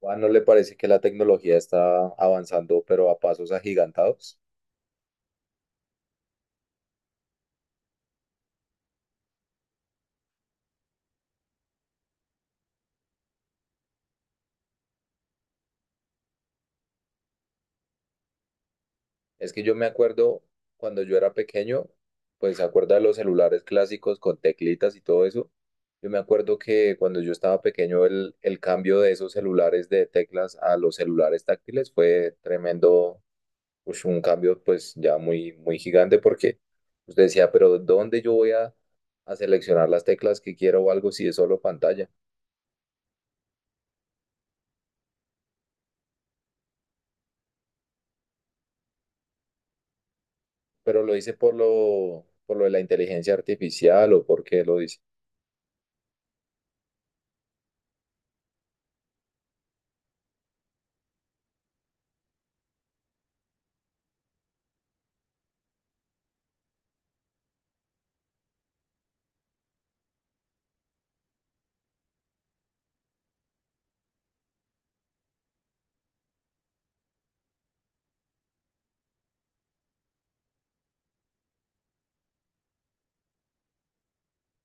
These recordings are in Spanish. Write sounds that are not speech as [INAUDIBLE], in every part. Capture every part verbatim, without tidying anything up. ¿Juan, no le parece que la tecnología está avanzando, pero a pasos agigantados? Es que yo me acuerdo cuando yo era pequeño, pues se acuerda de los celulares clásicos con teclitas y todo eso. Yo me acuerdo que cuando yo estaba pequeño, el, el cambio de esos celulares de teclas a los celulares táctiles fue tremendo, pues un cambio pues ya muy, muy gigante porque usted decía, pero ¿dónde yo voy a, a seleccionar las teclas que quiero o algo si es solo pantalla? ¿Pero lo dice por lo, por lo de la inteligencia artificial o porque lo dice?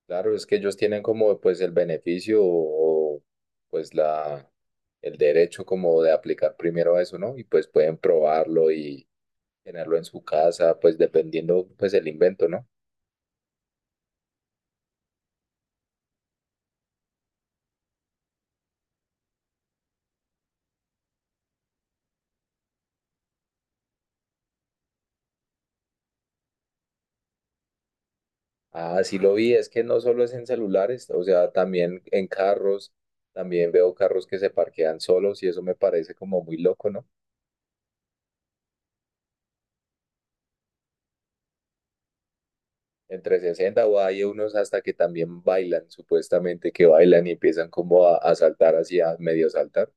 Claro, es que ellos tienen como pues el beneficio o, o, pues la el derecho como de aplicar primero eso, ¿no? Y pues pueden probarlo y tenerlo en su casa, pues dependiendo pues el invento, ¿no? Ah, sí lo vi, es que no solo es en celulares, o sea, también en carros, también veo carros que se parquean solos y eso me parece como muy loco, ¿no? Entre sesenta o hay unos hasta que también bailan, supuestamente que bailan y empiezan como a, a saltar así, a medio saltar.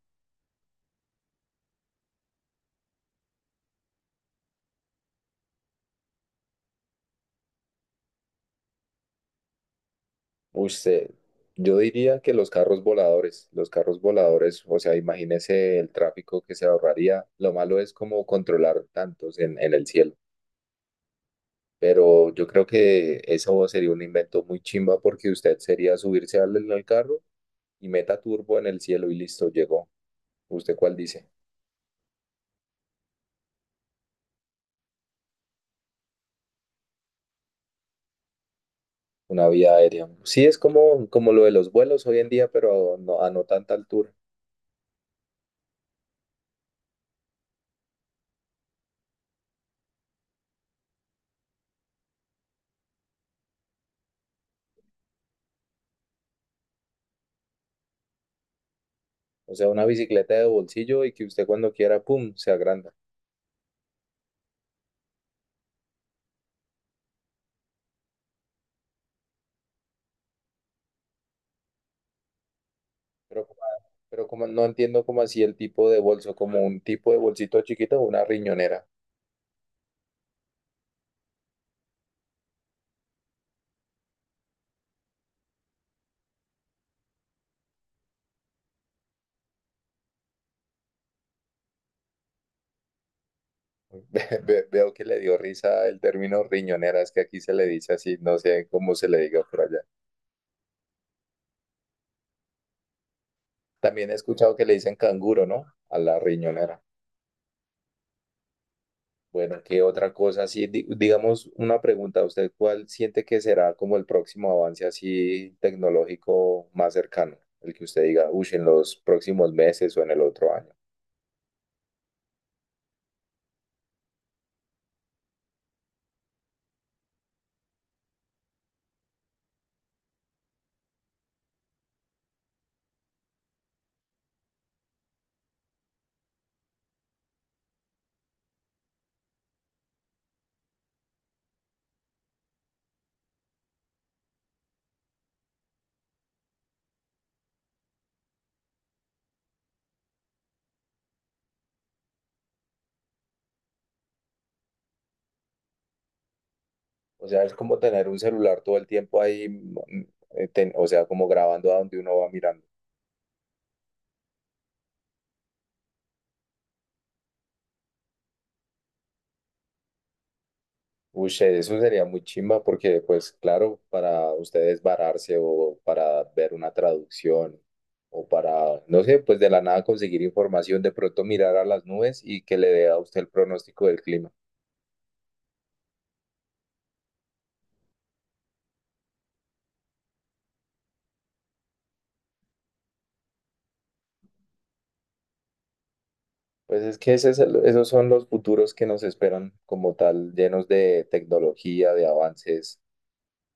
Uy, se- yo diría que los carros voladores, los carros voladores, o sea, imagínese el tráfico que se ahorraría. Lo malo es como controlar tantos en, en el cielo. Pero yo creo que eso sería un invento muy chimba porque usted sería subirse al, al carro y meta turbo en el cielo y listo, llegó. ¿Usted cuál dice? Una vía aérea. Sí, es como, como lo de los vuelos hoy en día, pero no, a no tanta altura. O sea, una bicicleta de bolsillo y que usted cuando quiera, ¡pum!, se agranda. Pero, como- pero como no entiendo como así el tipo de bolso, como un tipo de bolsito chiquito o una riñonera. [LAUGHS] Ve- ve- Veo que le dio risa el término riñonera, es que aquí se le dice así, no sé cómo se le diga por allá. También he escuchado que le dicen canguro, ¿no? A la riñonera. Bueno, ¿qué otra cosa? Sí, di- digamos una pregunta, ¿usted cuál siente que será como el próximo avance así tecnológico más cercano? El que usted diga, uy, en los próximos meses o en el otro año. O sea, es como tener un celular todo el tiempo ahí, mm, eh, ten- o sea, como grabando a donde uno va mirando. Uy, eso sería muy chimba porque, pues claro, para ustedes vararse o para ver una traducción o para, no sé, pues de la nada conseguir información, de pronto mirar a las nubes y que le dé a usted el pronóstico del clima. Pues es que ese es el- esos son los futuros que nos esperan como tal, llenos de tecnología, de avances.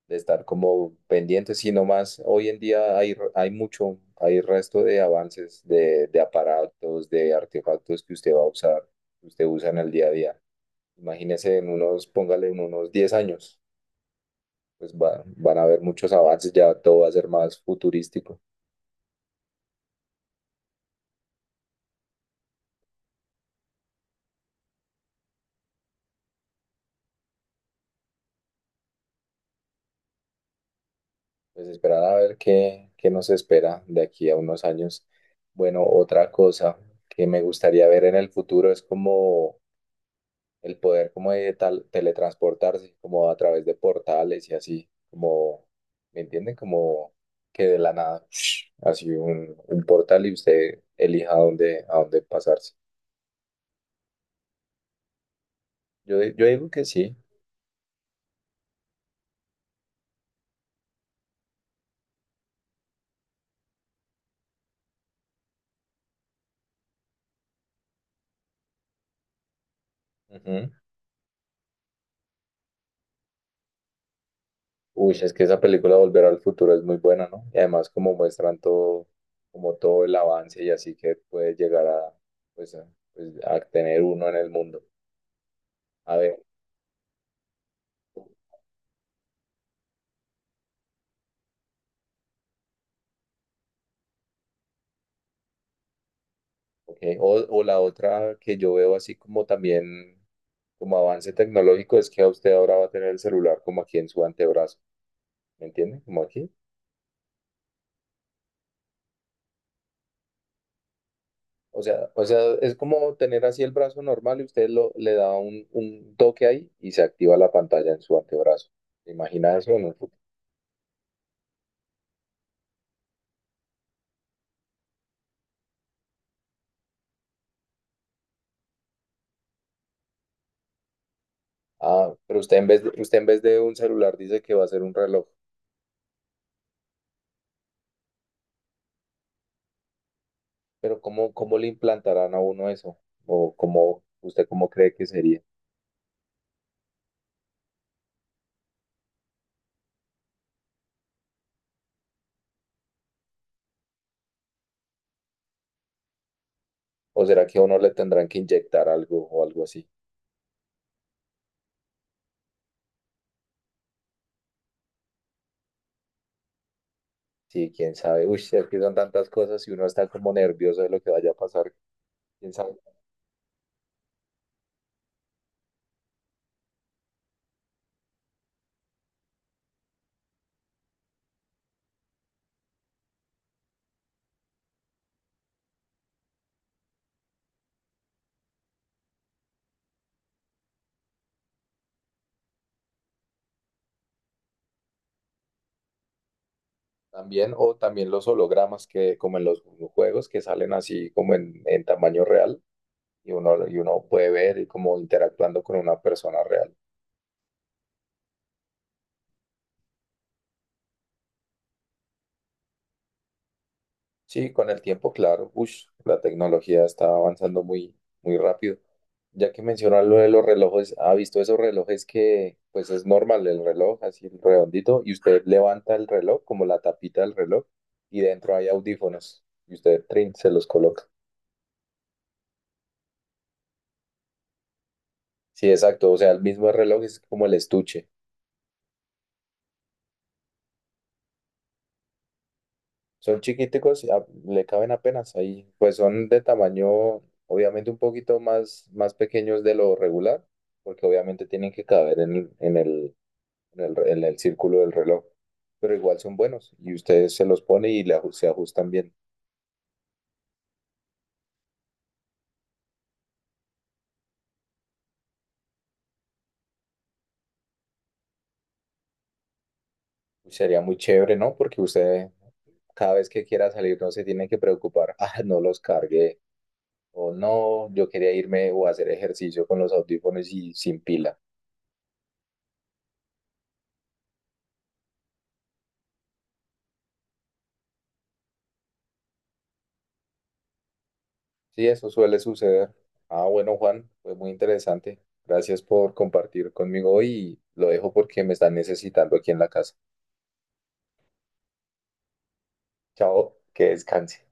De estar como pendientes, sino más hoy en día hay, r- hay mucho, hay resto de avances de, de aparatos, de artefactos que usted va a usar, que usted usa en el día a día. Imagínese en unos, póngale en unos diez años, pues va- van a haber muchos avances, ya todo va a ser más futurístico. Pues esperar a ver qué, qué nos espera de aquí a unos años. Bueno, otra cosa que me gustaría ver en el futuro es como el poder como de tal, teletransportarse como a través de portales y así, como, ¿me entienden? Como que de la nada, [SNIFFS] así un, un portal y usted elija a dónde, a dónde pasarse. Yo, di- yo digo que sí. Ujú. Uy, es que esa película Volver al Futuro es muy buena, ¿no? Y además como muestran todo, como todo el avance y así que puede llegar a, pues, a, pues, a tener uno en el mundo. A ver, ok. O, o la otra que yo veo así como también como avance tecnológico es que a usted ahora va a tener el celular como aquí en su antebrazo, ¿me entiende? Como aquí. O sea, o sea, es como tener así el brazo normal y usted lo, le da un, un toque ahí y se activa la pantalla en su antebrazo. ¿Se imagina eso en un? Ah, pero usted en vez de, usted en vez de un celular dice que va a ser un reloj. Pero ¿cómo, cómo le implantarán a uno eso? ¿O cómo, usted cómo cree que sería? ¿O será que a uno le tendrán que inyectar algo o algo así? Sí, quién sabe. Uy, es que son tantas cosas y uno está como nervioso de lo que vaya a pasar. Quién sabe, también, o también los hologramas que, como en los juegos, que salen así como en, en tamaño real y uno, y uno puede ver y como interactuando con una persona real. Sí, con el tiempo, claro, ush, la tecnología está avanzando muy, muy rápido. Ya que mencionas lo de los relojes, ¿ha visto esos relojes que, pues es normal el reloj, así redondito, y usted levanta el reloj, como la tapita del reloj, y dentro hay audífonos, y usted trin, se los coloca? Sí, exacto, o sea, el mismo reloj es como el estuche. Son chiquiticos y a- le caben apenas ahí. Pues son de tamaño, obviamente un poquito más, más pequeños de lo regular, porque obviamente tienen que caber en, el, en el, en el re- en el círculo del reloj. Pero igual son buenos y usted se los pone y le aju- se ajustan bien. Uy, sería muy chévere, ¿no? Porque usted cada vez que quiera salir no se tiene que preocupar, [LAUGHS] ah, no los cargué, o no, yo quería irme o hacer ejercicio con los audífonos y sin pila. Sí, eso suele suceder. Ah, bueno, Juan, fue muy interesante. Gracias por compartir conmigo y lo dejo porque me están necesitando aquí en la casa. Chao, que descanse.